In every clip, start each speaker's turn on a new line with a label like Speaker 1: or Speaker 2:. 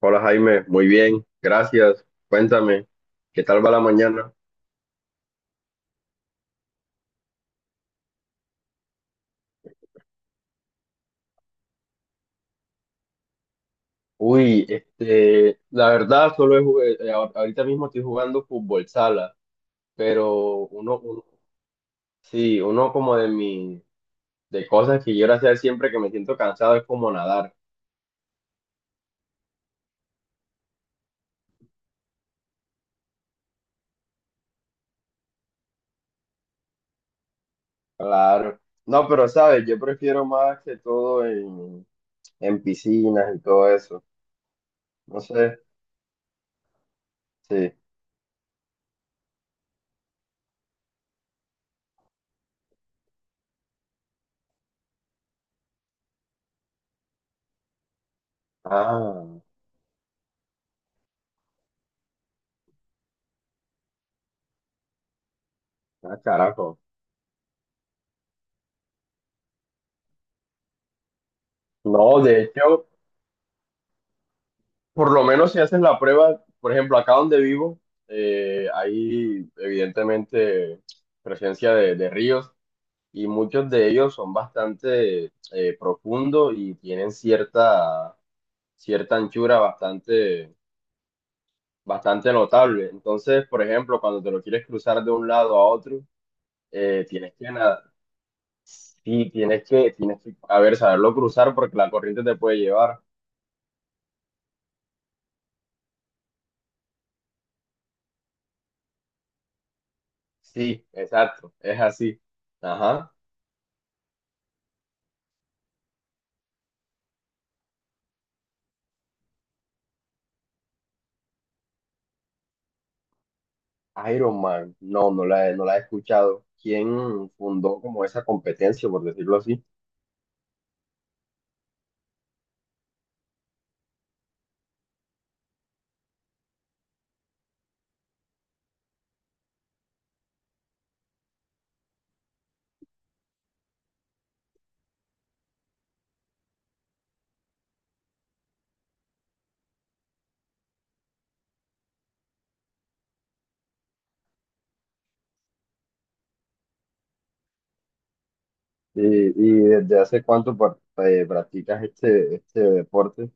Speaker 1: Hola Jaime, muy bien, gracias. Cuéntame, ¿qué tal va la mañana? Uy, la verdad, solo he jug- ahor- ahorita mismo estoy jugando fútbol sala, pero sí, uno como de cosas que quiero hacer siempre que me siento cansado es como nadar, claro. No, pero sabes, yo prefiero más que todo en piscinas y todo eso. No sé, sí. Ah, ah, carajo. No, de hecho. Por lo menos si haces la prueba, por ejemplo, acá donde vivo, hay evidentemente presencia de ríos y muchos de ellos son bastante profundos y tienen cierta anchura bastante notable. Entonces, por ejemplo, cuando te lo quieres cruzar de un lado a otro, tienes que nadar. Sí, tienes que, a ver, saberlo cruzar porque la corriente te puede llevar. Sí, exacto, es así. Ajá. Iron Man, no la he escuchado. ¿Quién fundó como esa competencia, por decirlo así? ¿Y, y desde hace cuánto par- practicas este deporte?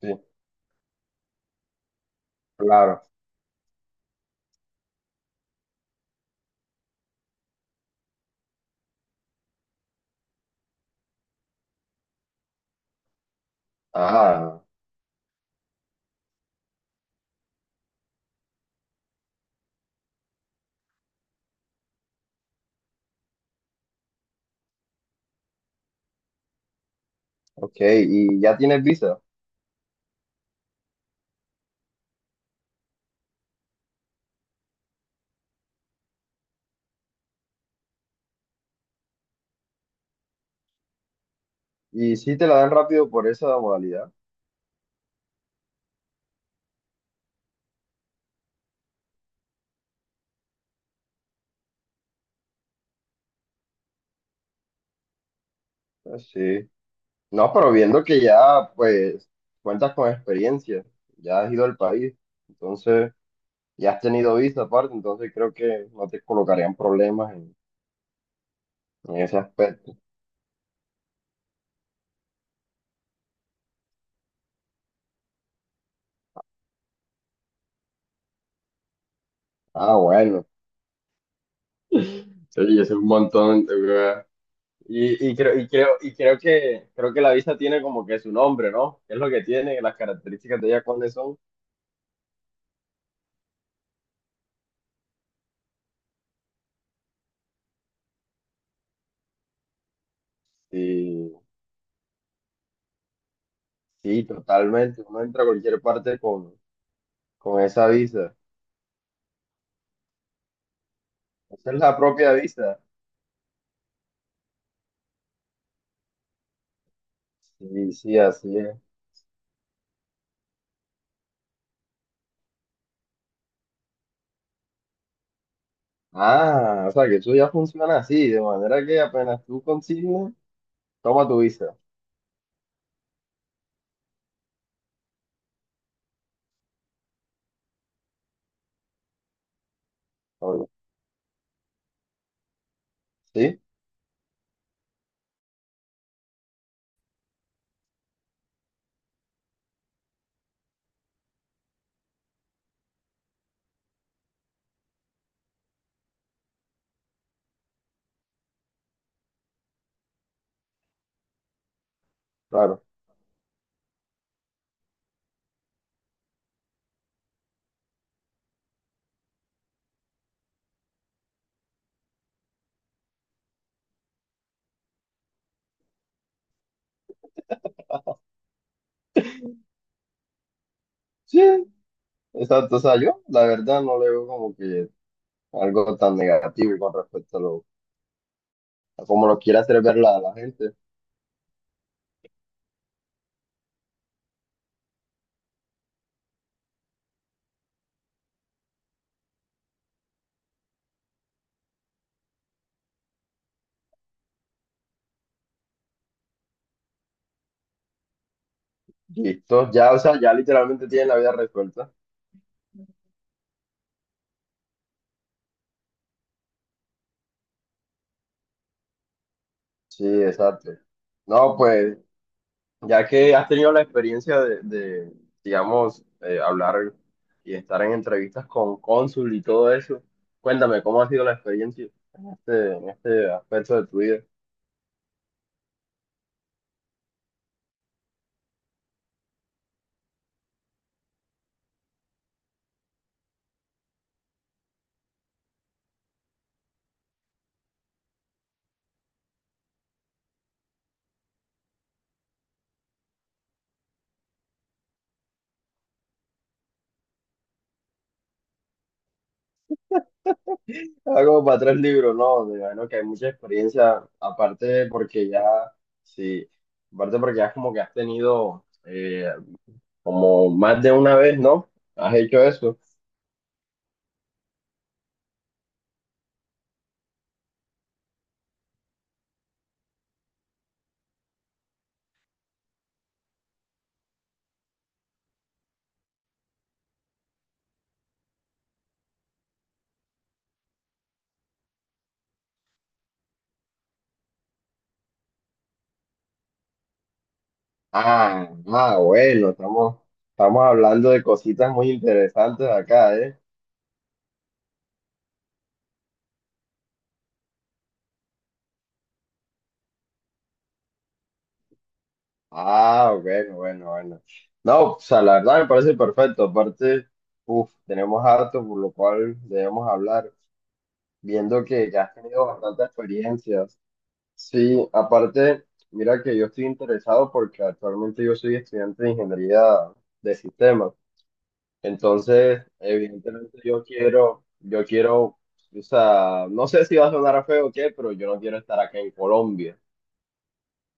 Speaker 1: Sí, claro. Ah, ok. ¿Y ya tienes visa? ¿Y si te la dan rápido por esa modalidad? Ah, sí. No, pero viendo que ya, pues, cuentas con experiencia, ya has ido al país, entonces, ya has tenido visa aparte, entonces creo que no te colocarían problemas en ese aspecto. Ah, bueno, sí, es un montón, weón. Y, creo que la vista tiene como que su nombre, ¿no? ¿Qué es lo que tiene? Las características de ella cuáles son. Sí, sí, totalmente. Uno entra a cualquier parte con esa visa. Esa es la propia visa. Sí, sí, así es. Ah, o sea que eso ya funciona así, de manera que apenas tú consignes, toma tu visa. Obvio. Sí, claro. Sí, exacto. O sea, yo la verdad no le veo como que algo tan negativo con respecto a lo como lo quiera hacer ver la gente. Listo, ya, o sea, ya literalmente tienen la vida resuelta. Sí, exacto. No, pues, ya que has tenido la experiencia digamos, hablar y estar en entrevistas con cónsul y todo eso, cuéntame, ¿cómo ha sido la experiencia en en este aspecto de tu vida? Algo para tres libros, ¿no? Me imagino que hay mucha experiencia, aparte porque ya, sí, aparte porque ya como que has tenido como más de una vez, ¿no? ¿Has hecho eso? Bueno, estamos hablando de cositas muy interesantes acá, ¿eh? Ah, bueno, bueno, bueno. No, o sea, la verdad me parece perfecto. Aparte, uff, tenemos harto por lo cual debemos hablar, viendo que ya has tenido bastantes experiencias. Sí, aparte, mira que yo estoy interesado porque actualmente yo soy estudiante de ingeniería de sistemas. Entonces, evidentemente yo quiero, o sea, no sé si va a sonar feo o qué, pero yo no quiero estar acá en Colombia.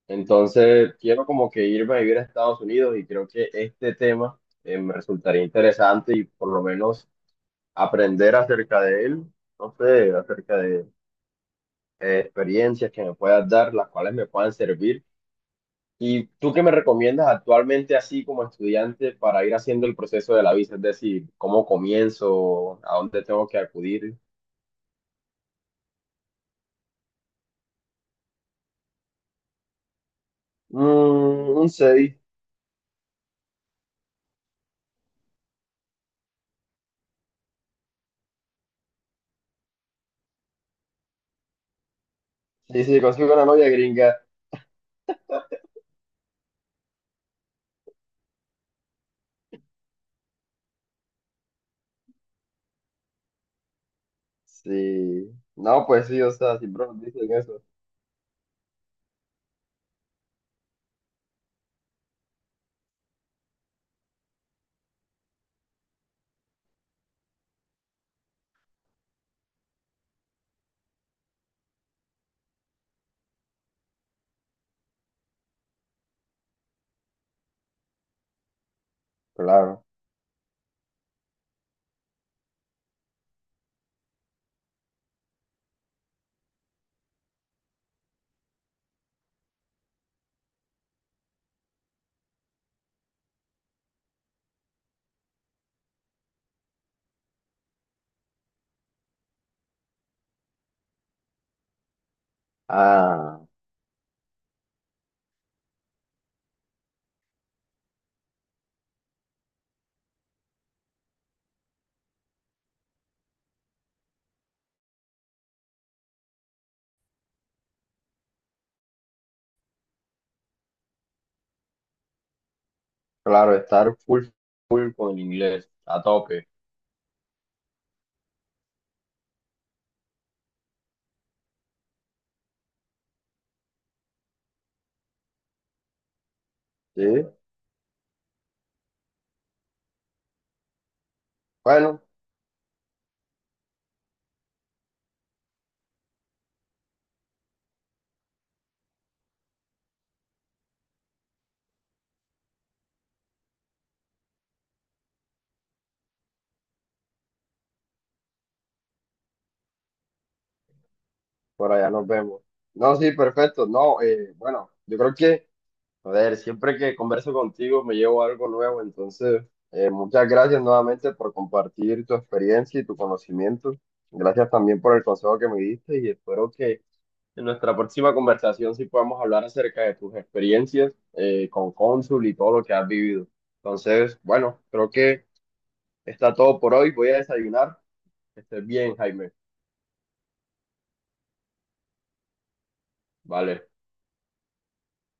Speaker 1: Entonces, quiero como que irme a vivir a Estados Unidos y creo que este tema me resultaría interesante y por lo menos aprender acerca de él, no sé, acerca de experiencias que me puedas dar, las cuales me puedan servir. ¿Y tú qué me recomiendas actualmente así como estudiante para ir haciendo el proceso de la visa? Es decir, ¿cómo comienzo? ¿A dónde tengo que acudir? Mm, un CEDI. Sí, sí, consigo una novia gringa. Sí. No, pues sí, o sea, siempre nos dicen eso. Claro. Ah, claro, estar full, full con el inglés, a tope. Sí. Bueno, por allá nos vemos. No, sí, perfecto. No, bueno, yo creo que... A ver, siempre que converso contigo me llevo algo nuevo, entonces muchas gracias nuevamente por compartir tu experiencia y tu conocimiento. Gracias también por el consejo que me diste y espero que en nuestra próxima conversación sí podamos hablar acerca de tus experiencias con Cónsul y todo lo que has vivido. Entonces, bueno, creo que está todo por hoy. Voy a desayunar. Que estés bien, Jaime. Vale.